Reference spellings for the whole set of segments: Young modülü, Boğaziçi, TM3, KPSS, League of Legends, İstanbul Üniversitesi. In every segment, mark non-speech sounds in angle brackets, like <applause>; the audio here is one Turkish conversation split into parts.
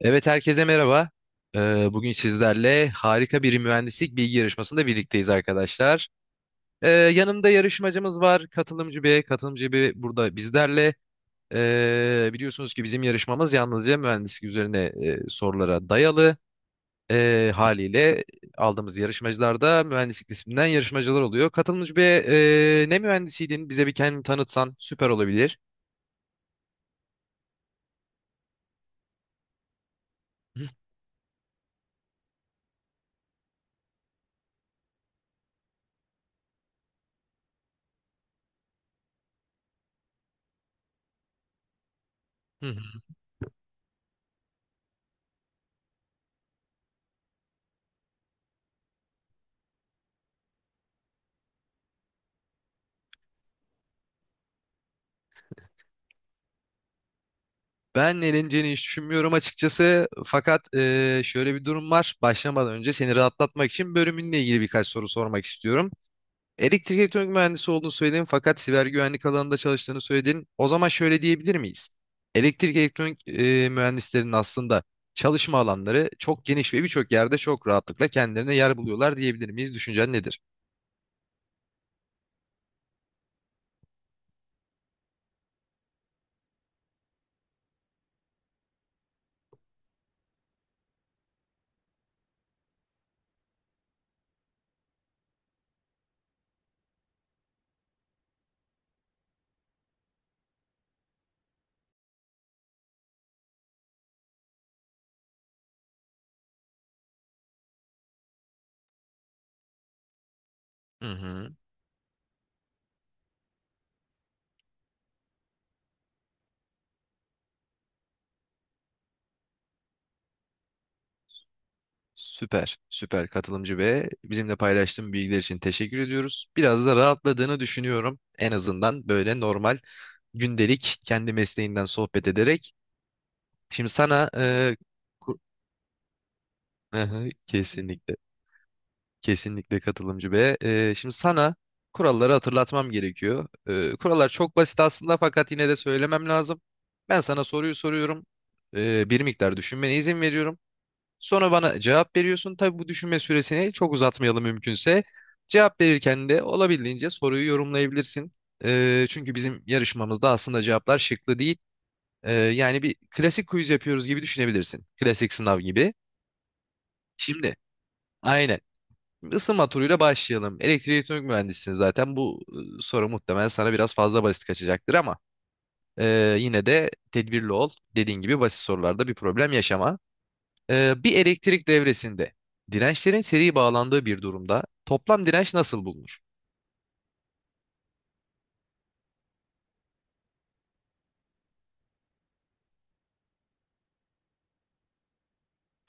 Evet herkese merhaba. Bugün sizlerle harika bir mühendislik bilgi yarışmasında birlikteyiz arkadaşlar. Yanımda yarışmacımız var. Katılımcı B. Katılımcı B burada bizlerle. Biliyorsunuz ki bizim yarışmamız yalnızca mühendislik üzerine sorulara dayalı. Haliyle aldığımız yarışmacılarda mühendislik disiplinden yarışmacılar oluyor. Katılımcı B, ne mühendisiydin? Bize bir kendini tanıtsan süper olabilir. <laughs> Ben eleneceğini hiç düşünmüyorum açıkçası. Fakat şöyle bir durum var. Başlamadan önce seni rahatlatmak için bölümünle ilgili birkaç soru sormak istiyorum. Elektrik elektronik mühendisi olduğunu söyledin fakat siber güvenlik alanında çalıştığını söyledin. O zaman şöyle diyebilir miyiz? Elektrik elektronik mühendislerinin aslında çalışma alanları çok geniş ve birçok yerde çok rahatlıkla kendilerine yer buluyorlar diyebilir miyiz? Düşüncen nedir? Hı hı. Süper, süper katılımcı ve bizimle paylaştığın bilgiler için teşekkür ediyoruz. Biraz da rahatladığını düşünüyorum. En azından böyle normal gündelik kendi mesleğinden sohbet ederek. Şimdi sana ku- Aha, kesinlikle, kesinlikle katılımcı ve şimdi sana kuralları hatırlatmam gerekiyor. Kurallar çok basit aslında fakat yine de söylemem lazım. Ben sana soruyu soruyorum. Bir miktar düşünmene izin veriyorum. Sonra bana cevap veriyorsun. Tabii bu düşünme süresini çok uzatmayalım mümkünse. Cevap verirken de olabildiğince soruyu yorumlayabilirsin. Çünkü bizim yarışmamızda aslında cevaplar şıklı değil. Yani bir klasik quiz yapıyoruz gibi düşünebilirsin. Klasik sınav gibi. Şimdi aynen. Isınma turuyla başlayalım. Elektrik elektronik mühendisisin zaten. Bu soru muhtemelen sana biraz fazla basit kaçacaktır ama yine de tedbirli ol. Dediğin gibi basit sorularda bir problem yaşama. Bir elektrik devresinde dirençlerin seri bağlandığı bir durumda toplam direnç nasıl bulunur?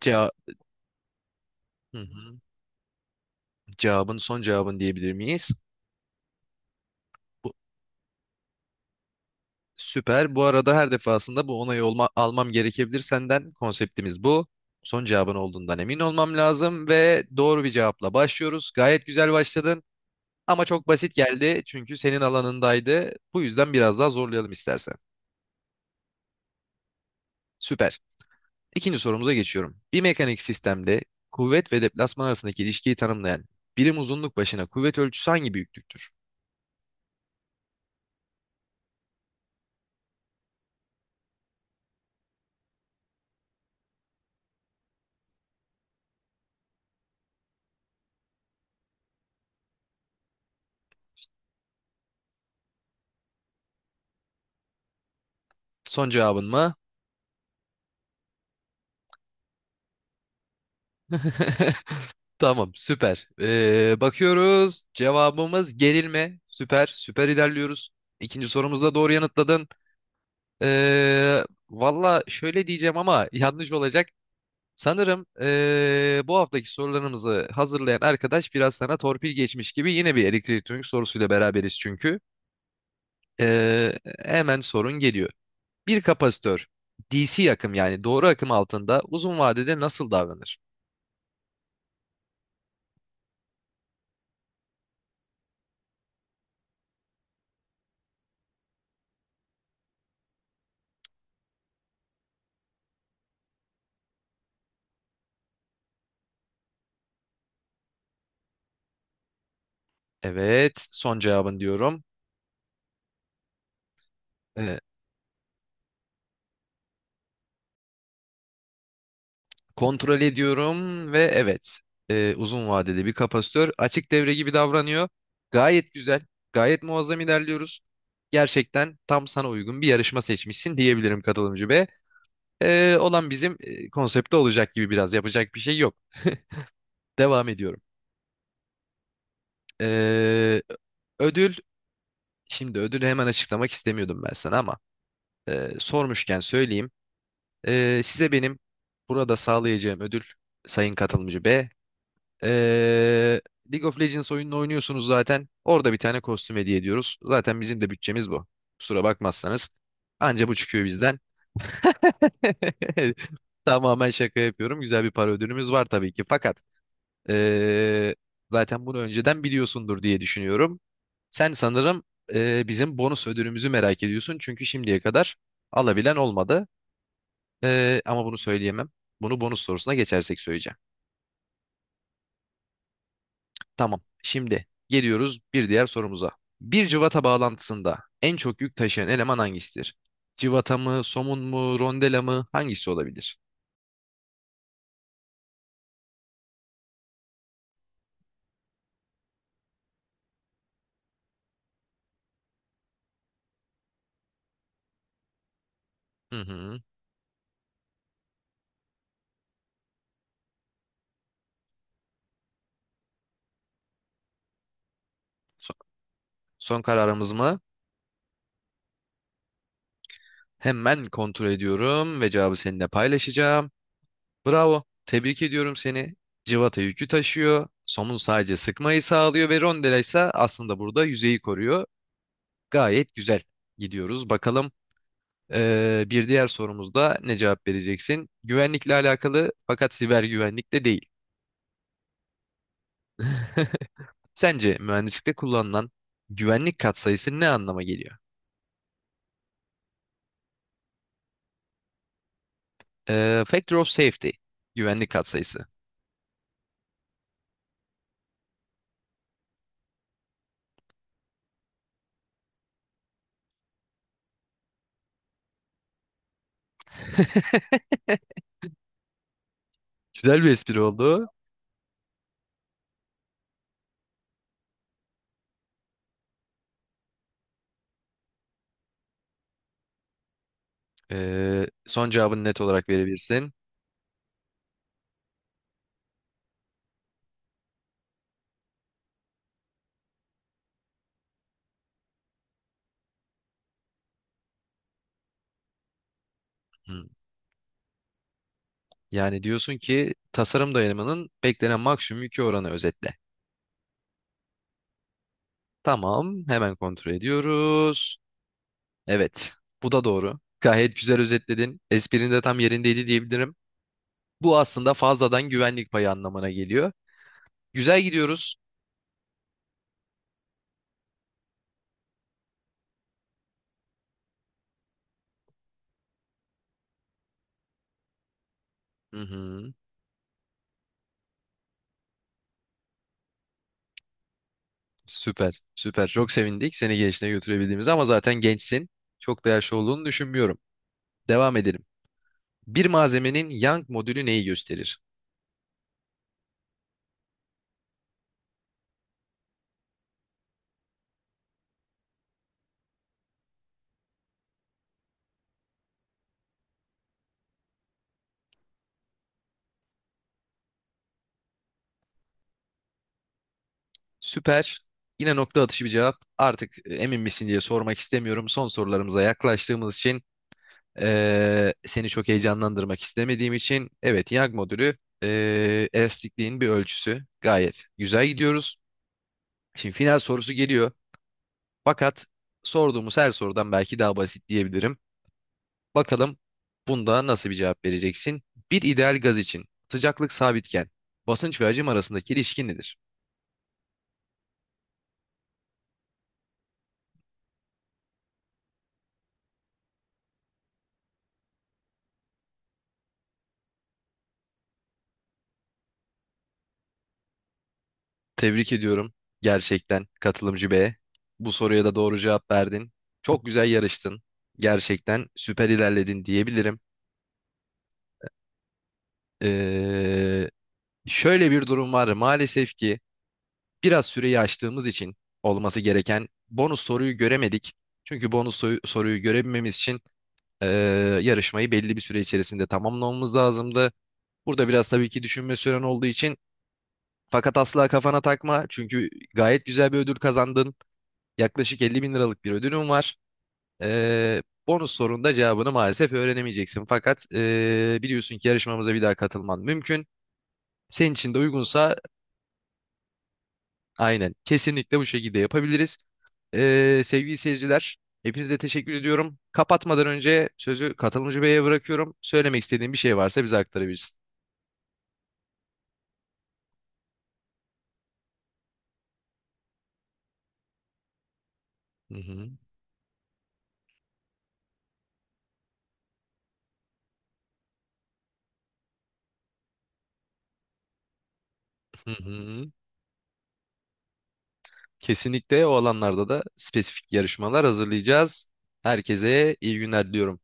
Cevap, hı hı. Son cevabın diyebilir miyiz? Bu, süper. Bu arada her defasında bu onayı almam gerekebilir senden. Konseptimiz bu. Son cevabın olduğundan emin olmam lazım ve doğru bir cevapla başlıyoruz. Gayet güzel başladın ama çok basit geldi çünkü senin alanındaydı. Bu yüzden biraz daha zorlayalım istersen. Süper. İkinci sorumuza geçiyorum. Bir mekanik sistemde kuvvet ve deplasman arasındaki ilişkiyi tanımlayan birim uzunluk başına kuvvet ölçüsü hangi büyüklüktür? Son cevabın mı? <laughs> Tamam, süper. Bakıyoruz. Cevabımız gerilme. Süper, süper ilerliyoruz. İkinci sorumuzda doğru yanıtladın. Ee, Valla şöyle diyeceğim ama <laughs> yanlış olacak. Sanırım bu haftaki sorularımızı hazırlayan arkadaş biraz sana torpil geçmiş gibi yine bir elektronik sorusuyla beraberiz çünkü. Ee, Hemen sorun geliyor. Bir kapasitör DC akım yani doğru akım altında uzun vadede nasıl davranır? Evet, son cevabın diyorum. Ee, Kontrol ediyorum ve evet, uzun vadede bir kapasitör açık devre gibi davranıyor. Gayet güzel, gayet muazzam ilerliyoruz. Gerçekten tam sana uygun bir yarışma seçmişsin diyebilirim katılımcı be. Olan bizim konsepte olacak gibi biraz yapacak bir şey yok. <laughs> Devam ediyorum. Ee, Ödül Şimdi ödülü hemen açıklamak istemiyordum ben sana ama sormuşken söyleyeyim. Size benim burada sağlayacağım ödül sayın katılımcı B. E, League of Legends oyununu oynuyorsunuz zaten. Orada bir tane kostüm hediye ediyoruz. Zaten bizim de bütçemiz bu. Kusura bakmazsanız. Anca bu çıkıyor bizden. <laughs> Tamamen şaka yapıyorum. Güzel bir para ödülümüz var tabii ki. Fakat ee, zaten bunu önceden biliyorsundur diye düşünüyorum. Sen sanırım bizim bonus ödülümüzü merak ediyorsun. Çünkü şimdiye kadar alabilen olmadı. Ama bunu söyleyemem. Bunu bonus sorusuna geçersek söyleyeceğim. Tamam. Şimdi geliyoruz bir diğer sorumuza. Bir cıvata bağlantısında en çok yük taşıyan eleman hangisidir? Cıvata mı, somun mu, rondela mı? Hangisi olabilir? Hı hı. So- son kararımız mı? Hemen kontrol ediyorum ve cevabı seninle paylaşacağım. Bravo. Tebrik ediyorum seni. Civata yükü taşıyor. Somun sadece sıkmayı sağlıyor ve rondela ise aslında burada yüzeyi koruyor. Gayet güzel gidiyoruz. Bakalım bir diğer sorumuzda ne cevap vereceksin? Güvenlikle alakalı fakat siber güvenlikte değil. <laughs> Sence mühendislikte kullanılan güvenlik katsayısı ne anlama geliyor? Factor of safety. Güvenlik katsayısı. <laughs> Güzel bir espri oldu. Son cevabını net olarak verebilirsin. Hmm. Yani diyorsun ki tasarım dayanımının beklenen maksimum yükü oranı özetle. Tamam, hemen kontrol ediyoruz. Evet, bu da doğru. Gayet güzel özetledin. Esprin de tam yerindeydi diyebilirim. Bu aslında fazladan güvenlik payı anlamına geliyor. Güzel gidiyoruz. Hı hı, süper, süper. Çok sevindik seni gençliğe götürebildiğimiz ama zaten gençsin. Çok da yaşlı olduğunu düşünmüyorum. Devam edelim. Bir malzemenin Young modülü neyi gösterir? Süper. Yine nokta atışı bir cevap. Artık emin misin diye sormak istemiyorum. Son sorularımıza yaklaştığımız için seni çok heyecanlandırmak istemediğim için evet Young modülü elastikliğin bir ölçüsü. Gayet güzel gidiyoruz. Şimdi final sorusu geliyor. Fakat sorduğumuz her sorudan belki daha basit diyebilirim. Bakalım bunda nasıl bir cevap vereceksin? Bir ideal gaz için sıcaklık sabitken basınç ve hacim arasındaki ilişki nedir? Tebrik ediyorum gerçekten katılımcı B'ye. Bu soruya da doğru cevap verdin. Çok güzel yarıştın. Gerçekten süper ilerledin diyebilirim. Ee, Şöyle bir durum var. Maalesef ki biraz süreyi aştığımız için olması gereken bonus soruyu göremedik. Çünkü soruyu görebilmemiz için ee, yarışmayı belli bir süre içerisinde tamamlamamız lazımdı. Burada biraz tabii ki düşünme süren olduğu için fakat asla kafana takma. Çünkü gayet güzel bir ödül kazandın. Yaklaşık 50 bin liralık bir ödülüm var. Bonus sorunda cevabını maalesef öğrenemeyeceksin. Fakat biliyorsun ki yarışmamıza bir daha katılman mümkün. Senin için de uygunsa aynen kesinlikle bu şekilde yapabiliriz. Sevgili seyirciler, hepinize teşekkür ediyorum. Kapatmadan önce sözü katılımcı beye bırakıyorum. Söylemek istediğin bir şey varsa bize aktarabilirsin. Hı hı, hı hı. Kesinlikle o alanlarda da spesifik yarışmalar hazırlayacağız. Herkese iyi günler diliyorum.